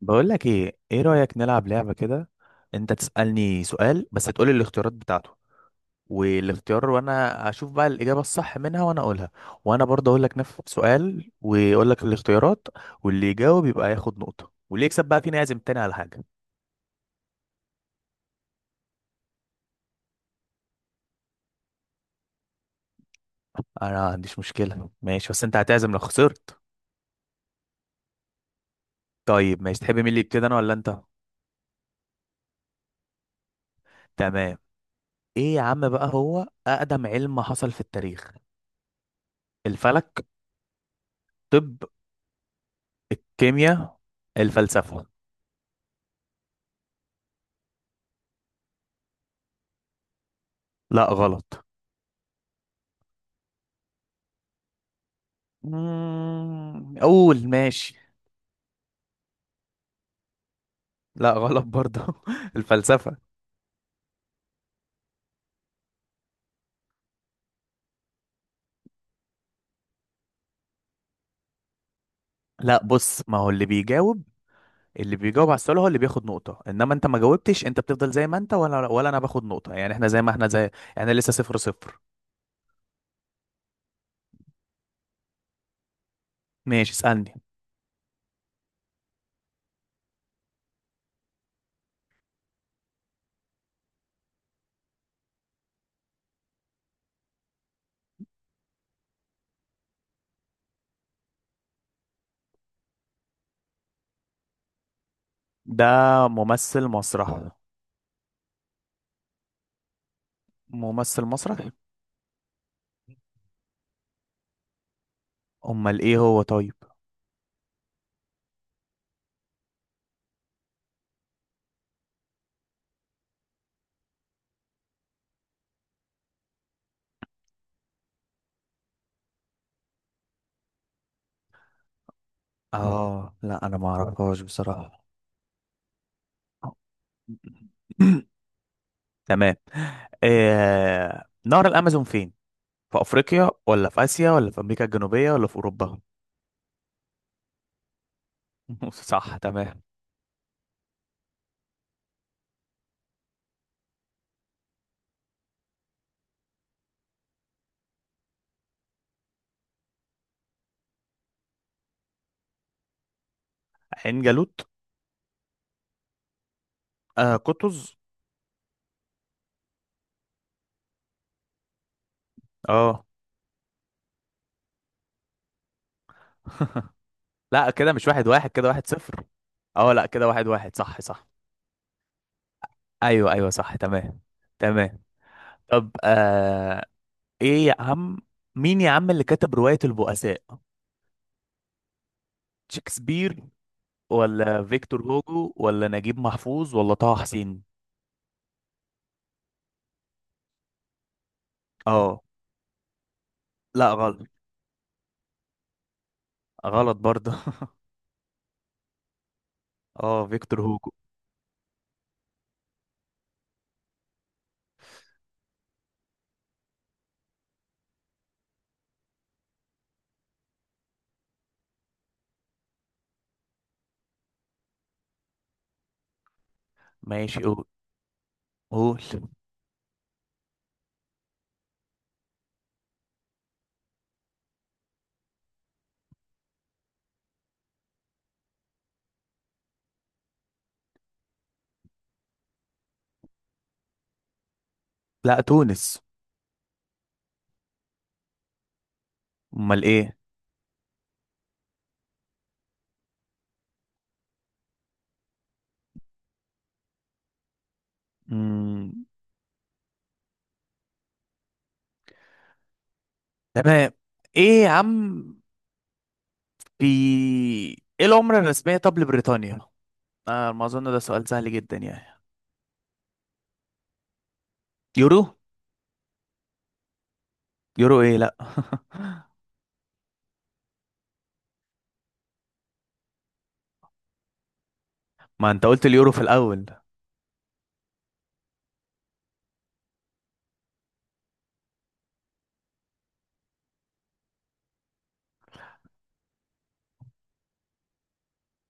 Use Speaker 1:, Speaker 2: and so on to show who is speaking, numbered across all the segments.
Speaker 1: بقول لك، ايه رأيك نلعب لعبة كده؟ انت تسألني سؤال، بس تقولي الاختيارات بتاعته والاختيار، وانا اشوف بقى الإجابة الصح منها وانا اقولها. وانا برضه اقول لك نفس السؤال واقول لك الاختيارات، واللي يجاوب يبقى ياخد نقطة، واللي يكسب بقى فينا يعزم تاني على حاجة. انا ما عنديش مشكلة، ماشي، بس انت هتعزم لو خسرت. طيب ماشي، تحب مين اللي يبتدي، انا ولا انت؟ تمام. ايه يا عم بقى هو اقدم علم حصل في التاريخ؟ الفلك؟ طب الكيمياء؟ الفلسفة؟ لا غلط. قول ماشي. لا غلط برضه الفلسفة. لا بص، ما هو اللي بيجاوب، اللي بيجاوب على السؤال هو اللي بياخد نقطة، انما انت ما جاوبتش، انت بتفضل زي ما انت، ولا انا باخد نقطة، يعني احنا زي ما احنا زي. يعني لسه صفر صفر. ماشي، اسألني. ده ممثل مسرح. ممثل مسرح. امال ايه هو طيب؟ اه لا، انا ما اعرفهاش بصراحة. تمام. نهر الامازون فين؟ في افريقيا، ولا في اسيا، ولا في امريكا الجنوبيه، ولا في اوروبا؟ صح، تمام. عين جالوت. قطز. اه لا، كده مش واحد واحد، كده واحد صفر. اه لا، كده واحد واحد، صح صح. ايوه ايوه، صح تمام. تمام. طب. ايه يا عم، مين يا عم اللي كتب روايه البؤساء؟ شكسبير؟ ولا فيكتور هوجو، ولا نجيب محفوظ، ولا طه حسين؟ اه. لا غلط. غلط برضه اه فيكتور هوجو. ماشي، قول. لا تونس. امال ايه؟ مم. تمام. ايه يا عم، في ايه العملة الرسمية طب لبريطانيا؟ ما اظن ده سؤال سهل جدا يعني. يورو؟ يورو ايه لا ما انت قلت اليورو في الاول.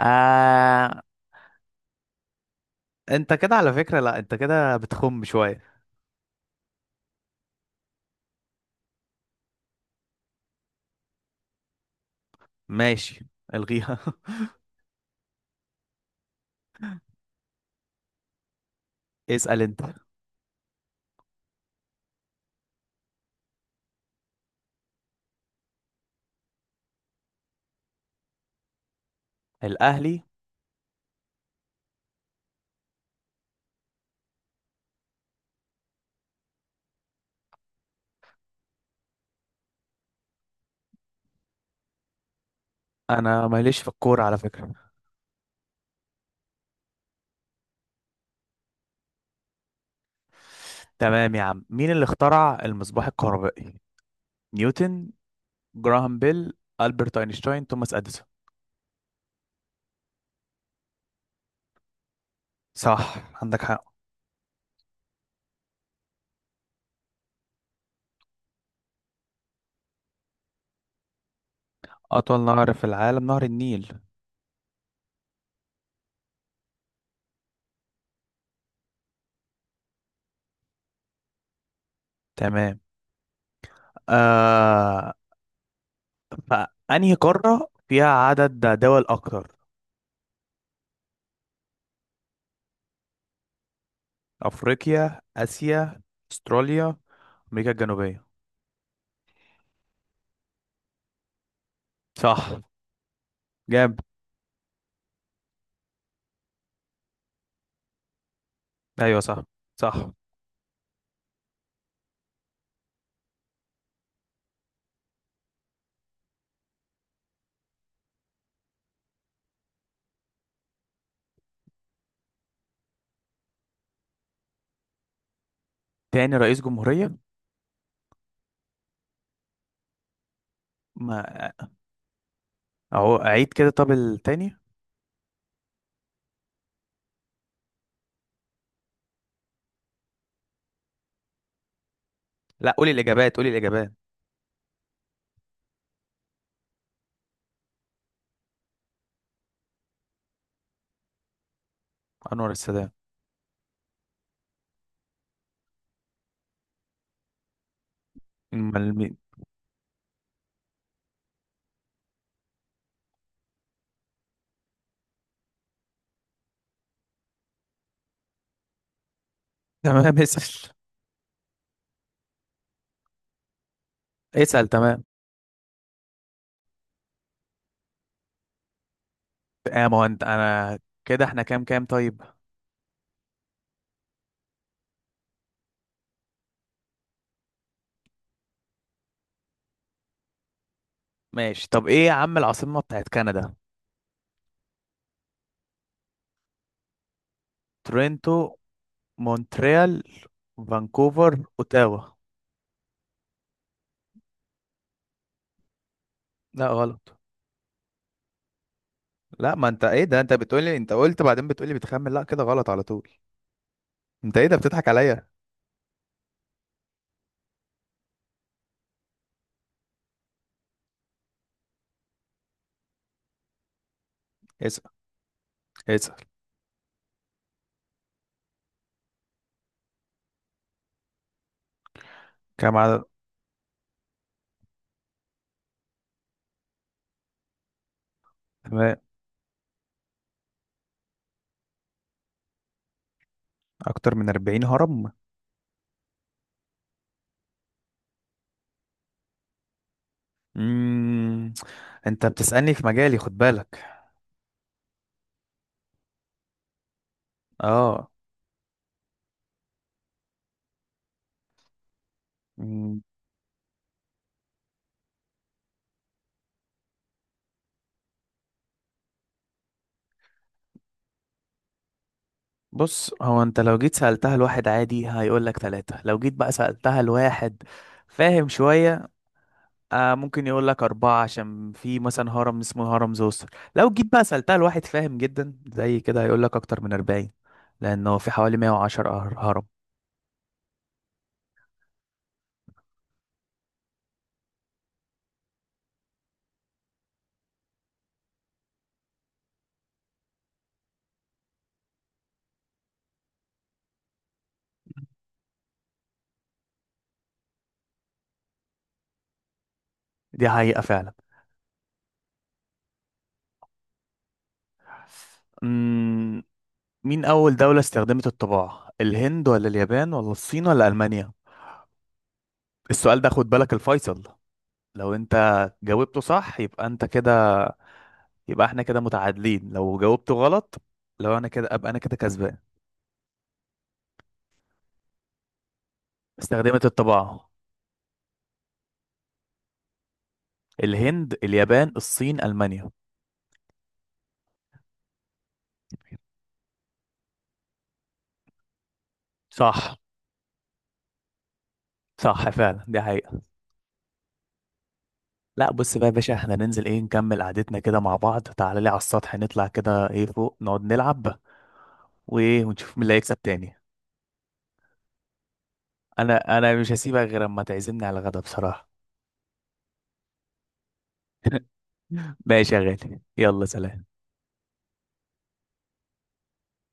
Speaker 1: آه انت كده على فكرة، لا انت كده بتخم شوية. ماشي، الغيها اسأل انت. الاهلي. انا ماليش في الكورة على فكرة. تمام يا عم، مين اللي اخترع المصباح الكهربائي؟ نيوتن؟ جراهام بيل؟ ألبرت أينشتاين؟ توماس أديسون؟ صح، عندك حق. أطول نهر في العالم نهر النيل. تمام آه. فأنهي قارة فيها عدد دول أكتر؟ أفريقيا؟ آسيا؟ أستراليا؟ أمريكا الجنوبية؟ صح، جاب. أيوة صح. صح. تاني رئيس جمهورية. ما أهو، أعيد كده طب التاني. لا قولي الإجابات، قولي الإجابات. أنور السادات. أمال مين؟ تمام، اسأل. اسأل، تمام. ما هو أنت أنا. كده احنا كام كام طيب؟ ماشي، طب ايه يا عم، العاصمة بتاعت كندا؟ تورنتو؟ مونتريال؟ فانكوفر؟ اوتاوا؟ لا غلط. لا ما انت ايه ده، انت بتقولي، انت قلت بعدين بتقولي بتخمن، لا كده غلط على طول. انت ايه ده بتضحك عليا؟ اسأل، اسأل. كام عدد؟ تمام. اكتر من 40 هرم. امم انت بتسألني في مجالي، خد بالك. اه. مم. بص، هو انت لو جيت سألتها لواحد عادي هيقول لك ثلاثة، لو جيت بقى سألتها لواحد فاهم شوية ممكن يقول لك أربعة، عشان في مثلا هرم اسمه هرم زوسر. لو جيت بقى سألتها لواحد فاهم جدا زي كده هيقول لك أكتر من 40، لأنه في حوالي 110 هرم. دي حقيقة فعلا. أمم، مين أول دولة استخدمت الطباعة؟ الهند، ولا اليابان، ولا الصين، ولا ألمانيا؟ السؤال ده خد بالك الفيصل. لو أنت جاوبته صح يبقى أنت كده، يبقى احنا كده متعادلين، لو جاوبته غلط لو أنا كده أبقى أنا كده كسبان. استخدمت الطباعة. الهند، اليابان، الصين، ألمانيا. صح. صح فعلا، دي حقيقة. لا بص بقى يا باشا، احنا ننزل ايه، نكمل قعدتنا كده مع بعض، تعالى لي على السطح، نطلع كده ايه فوق نقعد نلعب وايه، ونشوف مين اللي هيكسب تاني. انا مش هسيبك غير اما تعزمني على الغدا بصراحة. ماشي يا غالي، يلا سلام.